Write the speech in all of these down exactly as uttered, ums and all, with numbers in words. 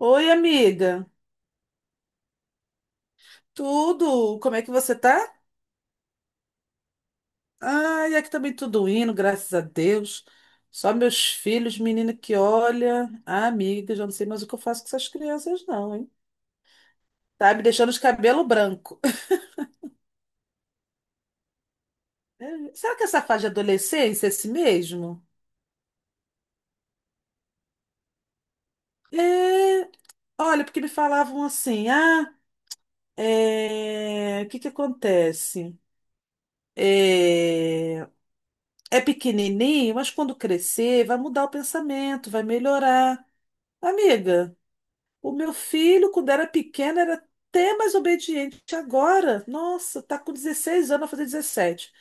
Oi, amiga. Tudo? Como é que você tá? Ai, aqui também tudo indo, graças a Deus. Só meus filhos, menina que olha. Ah, amiga, já não sei mais o que eu faço com essas crianças, não, hein? Tá me deixando os cabelos branco. É, será que essa fase de adolescência é esse mesmo? É, olha, porque me falavam assim, ah, é, o que que acontece? É, é pequenininho, mas quando crescer vai mudar o pensamento, vai melhorar. Amiga, o meu filho, quando era pequeno, era até mais obediente. Agora, nossa, tá com dezesseis anos, vai fazer dezessete.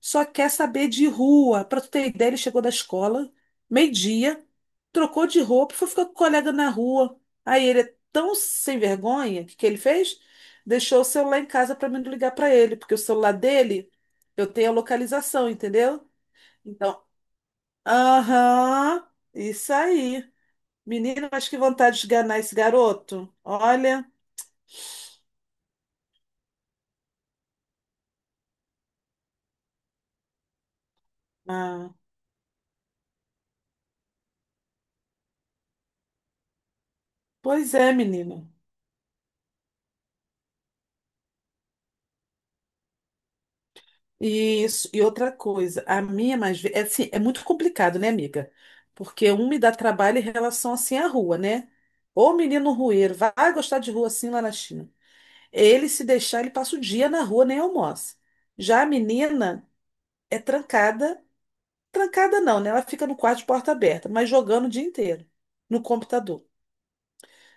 Só quer saber de rua. Pra tu ter ideia, ele chegou da escola, meio-dia, trocou de roupa, e foi ficar com o colega na rua. Aí ele é tão sem vergonha, o que que ele fez? Deixou o celular em casa pra mim não ligar pra ele, porque o celular dele, eu tenho a localização, entendeu? Então, aham, isso aí. Menina, mas que vontade de enganar esse garoto. Olha. Ah, pois é, menina. E isso. E outra coisa, a minha mais velha. É, assim, é muito complicado, né, amiga? Porque um me dá trabalho em relação assim à rua, né? Ô menino rueiro, vai gostar de rua assim lá na China. Ele, se deixar, ele passa o dia na rua, nem almoça. Já a menina é trancada. Trancada não, né? Ela fica no quarto de porta aberta, mas jogando o dia inteiro no computador.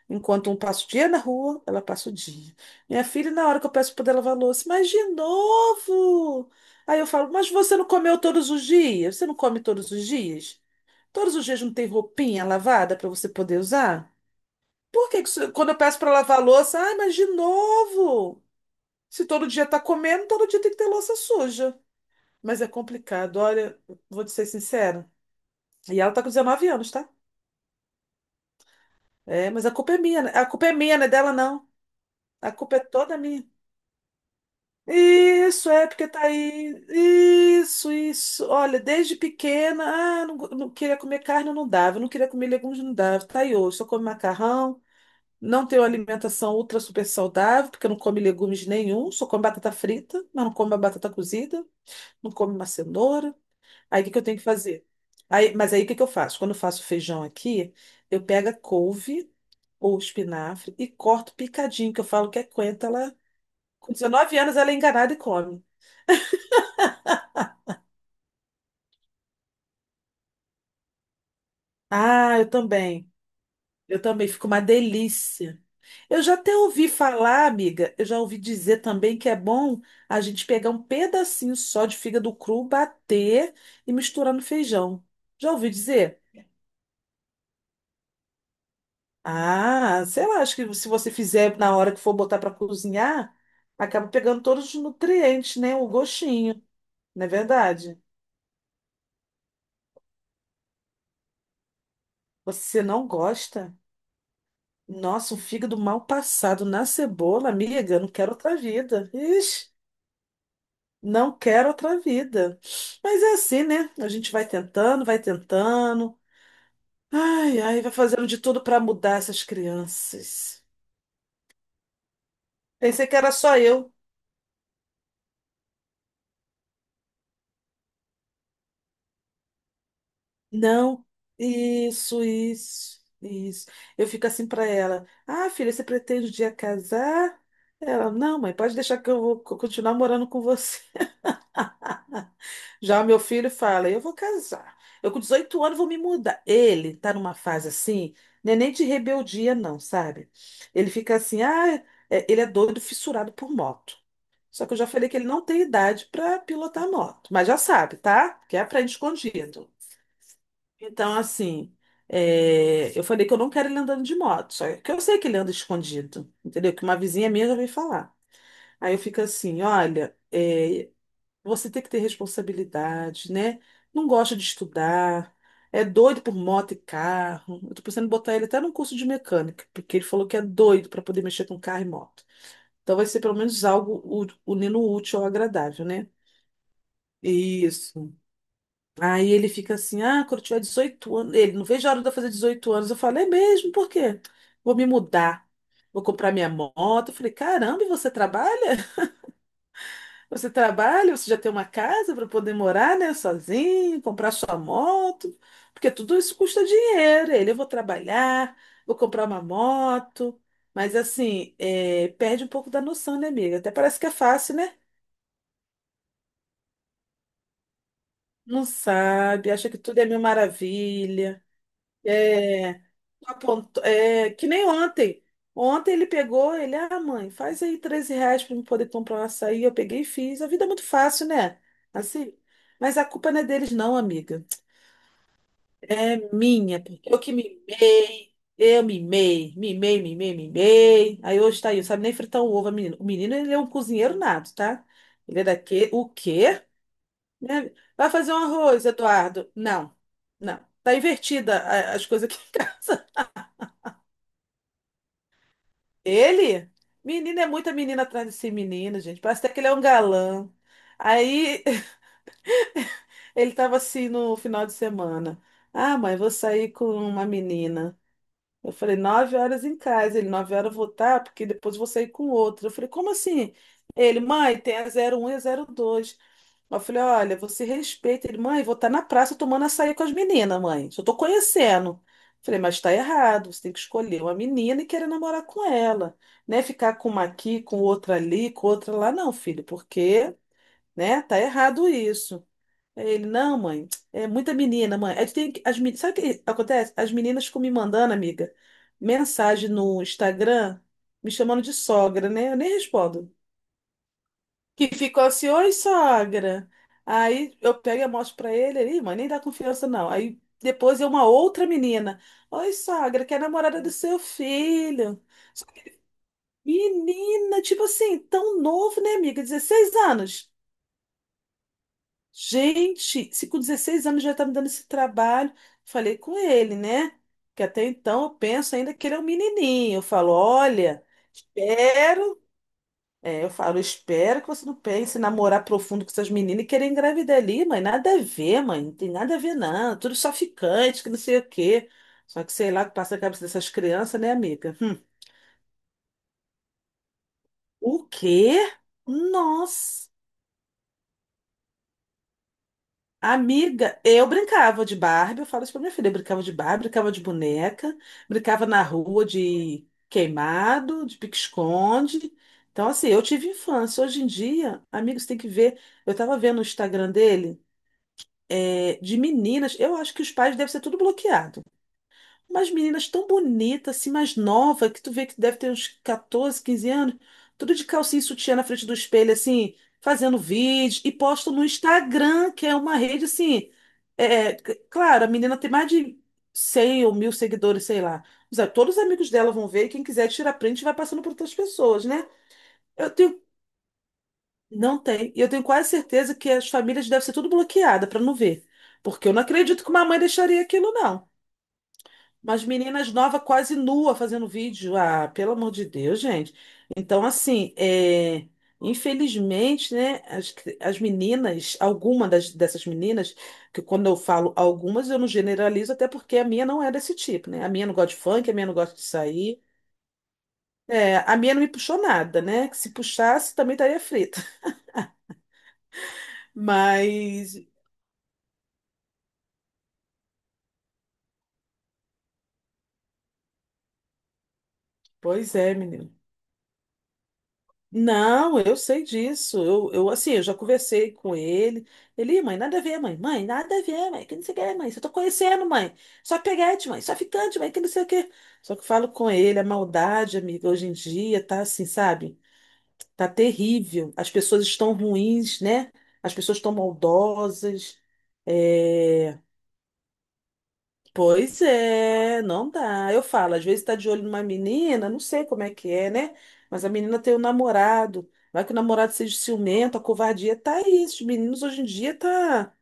Enquanto um passa o dia na rua, ela passa o dia. Minha filha, na hora que eu peço para ela lavar a louça, mas de novo? Aí eu falo, mas você não comeu todos os dias? Você não come todos os dias? Todos os dias não tem roupinha lavada para você poder usar? Por que que isso- quando eu peço para lavar a louça, ai, mas de novo? Se todo dia tá comendo, todo dia tem que ter louça suja. Mas é complicado, olha, vou te ser sincera. E ela tá com dezenove anos, tá? É, mas a culpa é minha, né? A culpa é minha, não é dela, não. A culpa é toda minha. Isso, é porque tá aí. Isso, isso. Olha, desde pequena, ah, não, go- não queria comer carne, não dava. Não queria comer legumes, não dava. Tá aí hoje, só come macarrão. Não tenho alimentação ultra super saudável, porque não come legumes nenhum. Só como batata frita, mas não como a batata cozida. Não como uma cenoura. Aí o que que eu tenho que fazer? Aí, mas aí o que que eu faço? Quando eu faço feijão aqui, eu pego a couve ou espinafre e corto picadinho, que eu falo que é coentro, ela... Com dezenove anos ela é enganada e come. Ah, eu também. Eu também, fica uma delícia. Eu já até ouvi falar, amiga, eu já ouvi dizer também que é bom a gente pegar um pedacinho só de fígado cru, bater e misturar no feijão. Já ouvi dizer? Ah, sei lá, acho que se você fizer na hora que for botar para cozinhar, acaba pegando todos os nutrientes, né? O gostinho, não é verdade? Você não gosta? Nossa, um fígado mal passado na cebola, amiga, eu não quero outra vida. Ixi. Não quero outra vida. Mas é assim, né? A gente vai tentando, vai tentando. Ai, ai, vai fazendo de tudo para mudar essas crianças. Pensei que era só eu. Não. Isso, isso, isso. Eu fico assim para ela. Ah, filha, você pretende um dia casar? Ela, não, mãe, pode deixar que eu vou co- continuar morando com você. Já o meu filho fala, eu vou casar. Eu com dezoito anos vou me mudar. Ele tá numa fase assim, não é nem de rebeldia, não, sabe? Ele fica assim, ah, é- ele é doido, fissurado por moto. Só que eu já falei que ele não tem idade para pilotar moto, mas já sabe, tá? Que aprende escondido. Então, assim, é, eu falei que eu não quero ele andando de moto, só que eu sei que ele anda escondido, entendeu? Que uma vizinha minha já veio falar. Aí eu fico assim, olha, é, você tem que ter responsabilidade, né? Não gosta de estudar, é doido por moto e carro. Eu tô pensando em botar ele até num curso de mecânica, porque ele falou que é doido para poder mexer com carro e moto. Então vai ser pelo menos algo u- unindo o útil ao agradável, né? Isso. Aí ele fica assim: ah, quando eu tiver dezoito anos. Ele, não vejo a hora de eu fazer dezoito anos. Eu falei: é mesmo? Por quê? Vou me mudar, vou comprar minha moto. Eu falei: caramba, e você trabalha? Você trabalha, você já tem uma casa para poder morar, né, sozinho, comprar sua moto, porque tudo isso custa dinheiro. Ele, eu vou trabalhar, vou comprar uma moto, mas assim, é, perde um pouco da noção, né, amiga? Até parece que é fácil, né? Não sabe, acha que tudo é mil maravilha. É, apontou- é, que nem ontem. Ontem ele pegou, ele, ah, mãe, faz aí treze reais para eu poder comprar um açaí. Eu peguei e fiz. A vida é muito fácil, né? Assim, mas a culpa não é deles, não, amiga. É minha, porque eu que mimei, eu mimei, mimei, mimei, mimei. Aí hoje tá aí, sabe nem fritar um ovo, menino. O menino, ele é um cozinheiro nato, tá? Ele é daqui, o quê? Né? Vai fazer um arroz, Eduardo? Não, não. Tá invertida a- as coisas aqui em casa. Ele? Menina é muita menina atrás desse menino, gente. Parece até que ele é um galã. Aí ele tava assim no final de semana. Ah, mãe, vou sair com uma menina. Eu falei, nove horas em casa. Ele, nove horas eu vou estar, porque depois eu vou sair com outro. Eu falei, como assim? Ele, mãe, tem a zero um e a zero dois. Eu falei, olha, você respeita. Ele, mãe, vou estar na praça tomando açaí com as meninas, mãe. Só tô conhecendo. Eu falei, mas tá errado. Você tem que escolher uma menina e querer namorar com ela. Né, ficar com uma aqui, com outra ali, com outra lá, não, filho, porque, né, tá errado isso. Aí ele, não, mãe, é muita menina, mãe. Aí tu tem que- as, meni- sabe o que acontece? As meninas ficam me mandando, amiga, mensagem no Instagram, me chamando de sogra, né? Eu nem respondo. Que ficou assim, oi, sogra. Aí eu pego e mostro pra ele, ele, "Ih, mãe, nem dá confiança, não." Aí depois é uma outra menina, oi, sogra, que é a namorada do seu filho. Menina, tipo assim, tão novo, né, amiga? Dezesseis anos. Gente, se com dezesseis anos já tá me dando esse trabalho, falei com ele, né? Que até então eu penso ainda que ele é um menininho. Eu falo, olha, espero. É, eu falo, espero que você não pense em namorar profundo com essas meninas e querer engravidar ali, mãe. Nada a ver, mãe. Não tem nada a ver, não. Tudo só ficante, que não sei o quê. Só que sei lá o que passa na cabeça dessas crianças, né, amiga? Hum. O quê? Nossa. Amiga, eu brincava de Barbie, eu falo isso pra minha filha, eu brincava de Barbie, brincava de boneca, brincava na rua de queimado, de pique-esconde. Então, assim, eu tive infância. Hoje em dia, amigos, tem que ver. Eu tava vendo o Instagram dele, é, de meninas. Eu acho que os pais devem ser tudo bloqueados. Umas meninas tão bonitas, assim, mais nova, que tu vê que deve ter uns catorze, quinze anos, tudo de calcinha e sutiã na frente do espelho, assim, fazendo vídeo e posto no Instagram, que é uma rede, assim. É, é, c- claro, a menina tem mais de cem ou mil seguidores, sei lá. Mas, é, todos os amigos dela vão ver, e quem quiser tirar print vai passando para outras pessoas, né? Eu tenho. Não tem. E eu tenho quase certeza que as famílias devem ser tudo bloqueadas para não ver. Porque eu não acredito que uma mãe deixaria aquilo, não. Mas meninas novas quase nua fazendo vídeo. Ah, pelo amor de Deus, gente. Então, assim, é, infelizmente, né, as, as meninas, alguma das, dessas meninas, que quando eu falo algumas, eu não generalizo, até porque a minha não é desse tipo, né? A minha não gosta de funk, a minha não gosta de sair. É, a minha não me puxou nada, né? Que se puxasse, também estaria frita. Mas, pois é, menino. Não, eu sei disso. Eu, eu, assim, eu já conversei com ele. Ele, mãe, nada a ver, mãe. Mãe, nada a ver, mãe. Que não sei o que, mãe. Só tô conhecendo, mãe. Só peguete, mãe. Só ficante, mãe. Que não sei o que. Só que eu falo com ele, a maldade, amiga, hoje em dia tá assim, sabe? Tá terrível. As pessoas estão ruins, né? As pessoas estão maldosas. É, pois é, não dá. Eu falo, às vezes tá de olho numa menina, não sei como é que é, né? Mas a menina tem um namorado. Vai que o namorado seja ciumento, a covardia tá aí. Esses meninos hoje em dia tá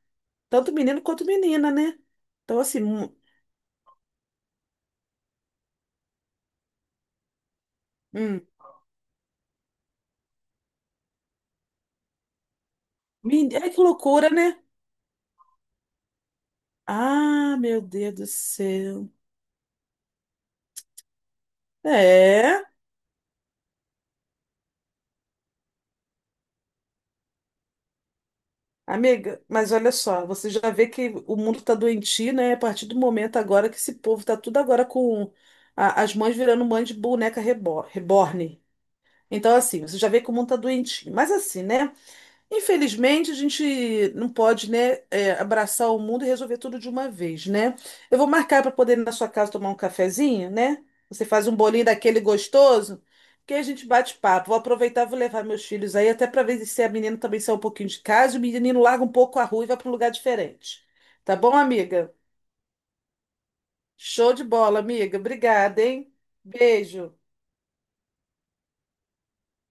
tanto menino quanto menina, né? Então, assim, hum, hum. Meni- Ai, que loucura, né? Ah, meu Deus do céu. É. Amiga, mas olha só, você já vê que o mundo tá doentio, né? A partir do momento agora que esse povo tá tudo agora com a- as mães virando mãe de boneca rebo- reborn. Então, assim, você já vê que o mundo tá doentio. Mas assim, né? Infelizmente, a gente não pode, né, é, abraçar o mundo e resolver tudo de uma vez, né? Eu vou marcar para poder ir na sua casa tomar um cafezinho, né? Você faz um bolinho daquele gostoso, que aí a gente bate papo. Vou aproveitar, vou levar meus filhos aí, até para ver se a menina também sai um pouquinho de casa, e o menino larga um pouco a rua e vai para um lugar diferente. Tá bom, amiga? Show de bola, amiga. Obrigada, hein? Beijo.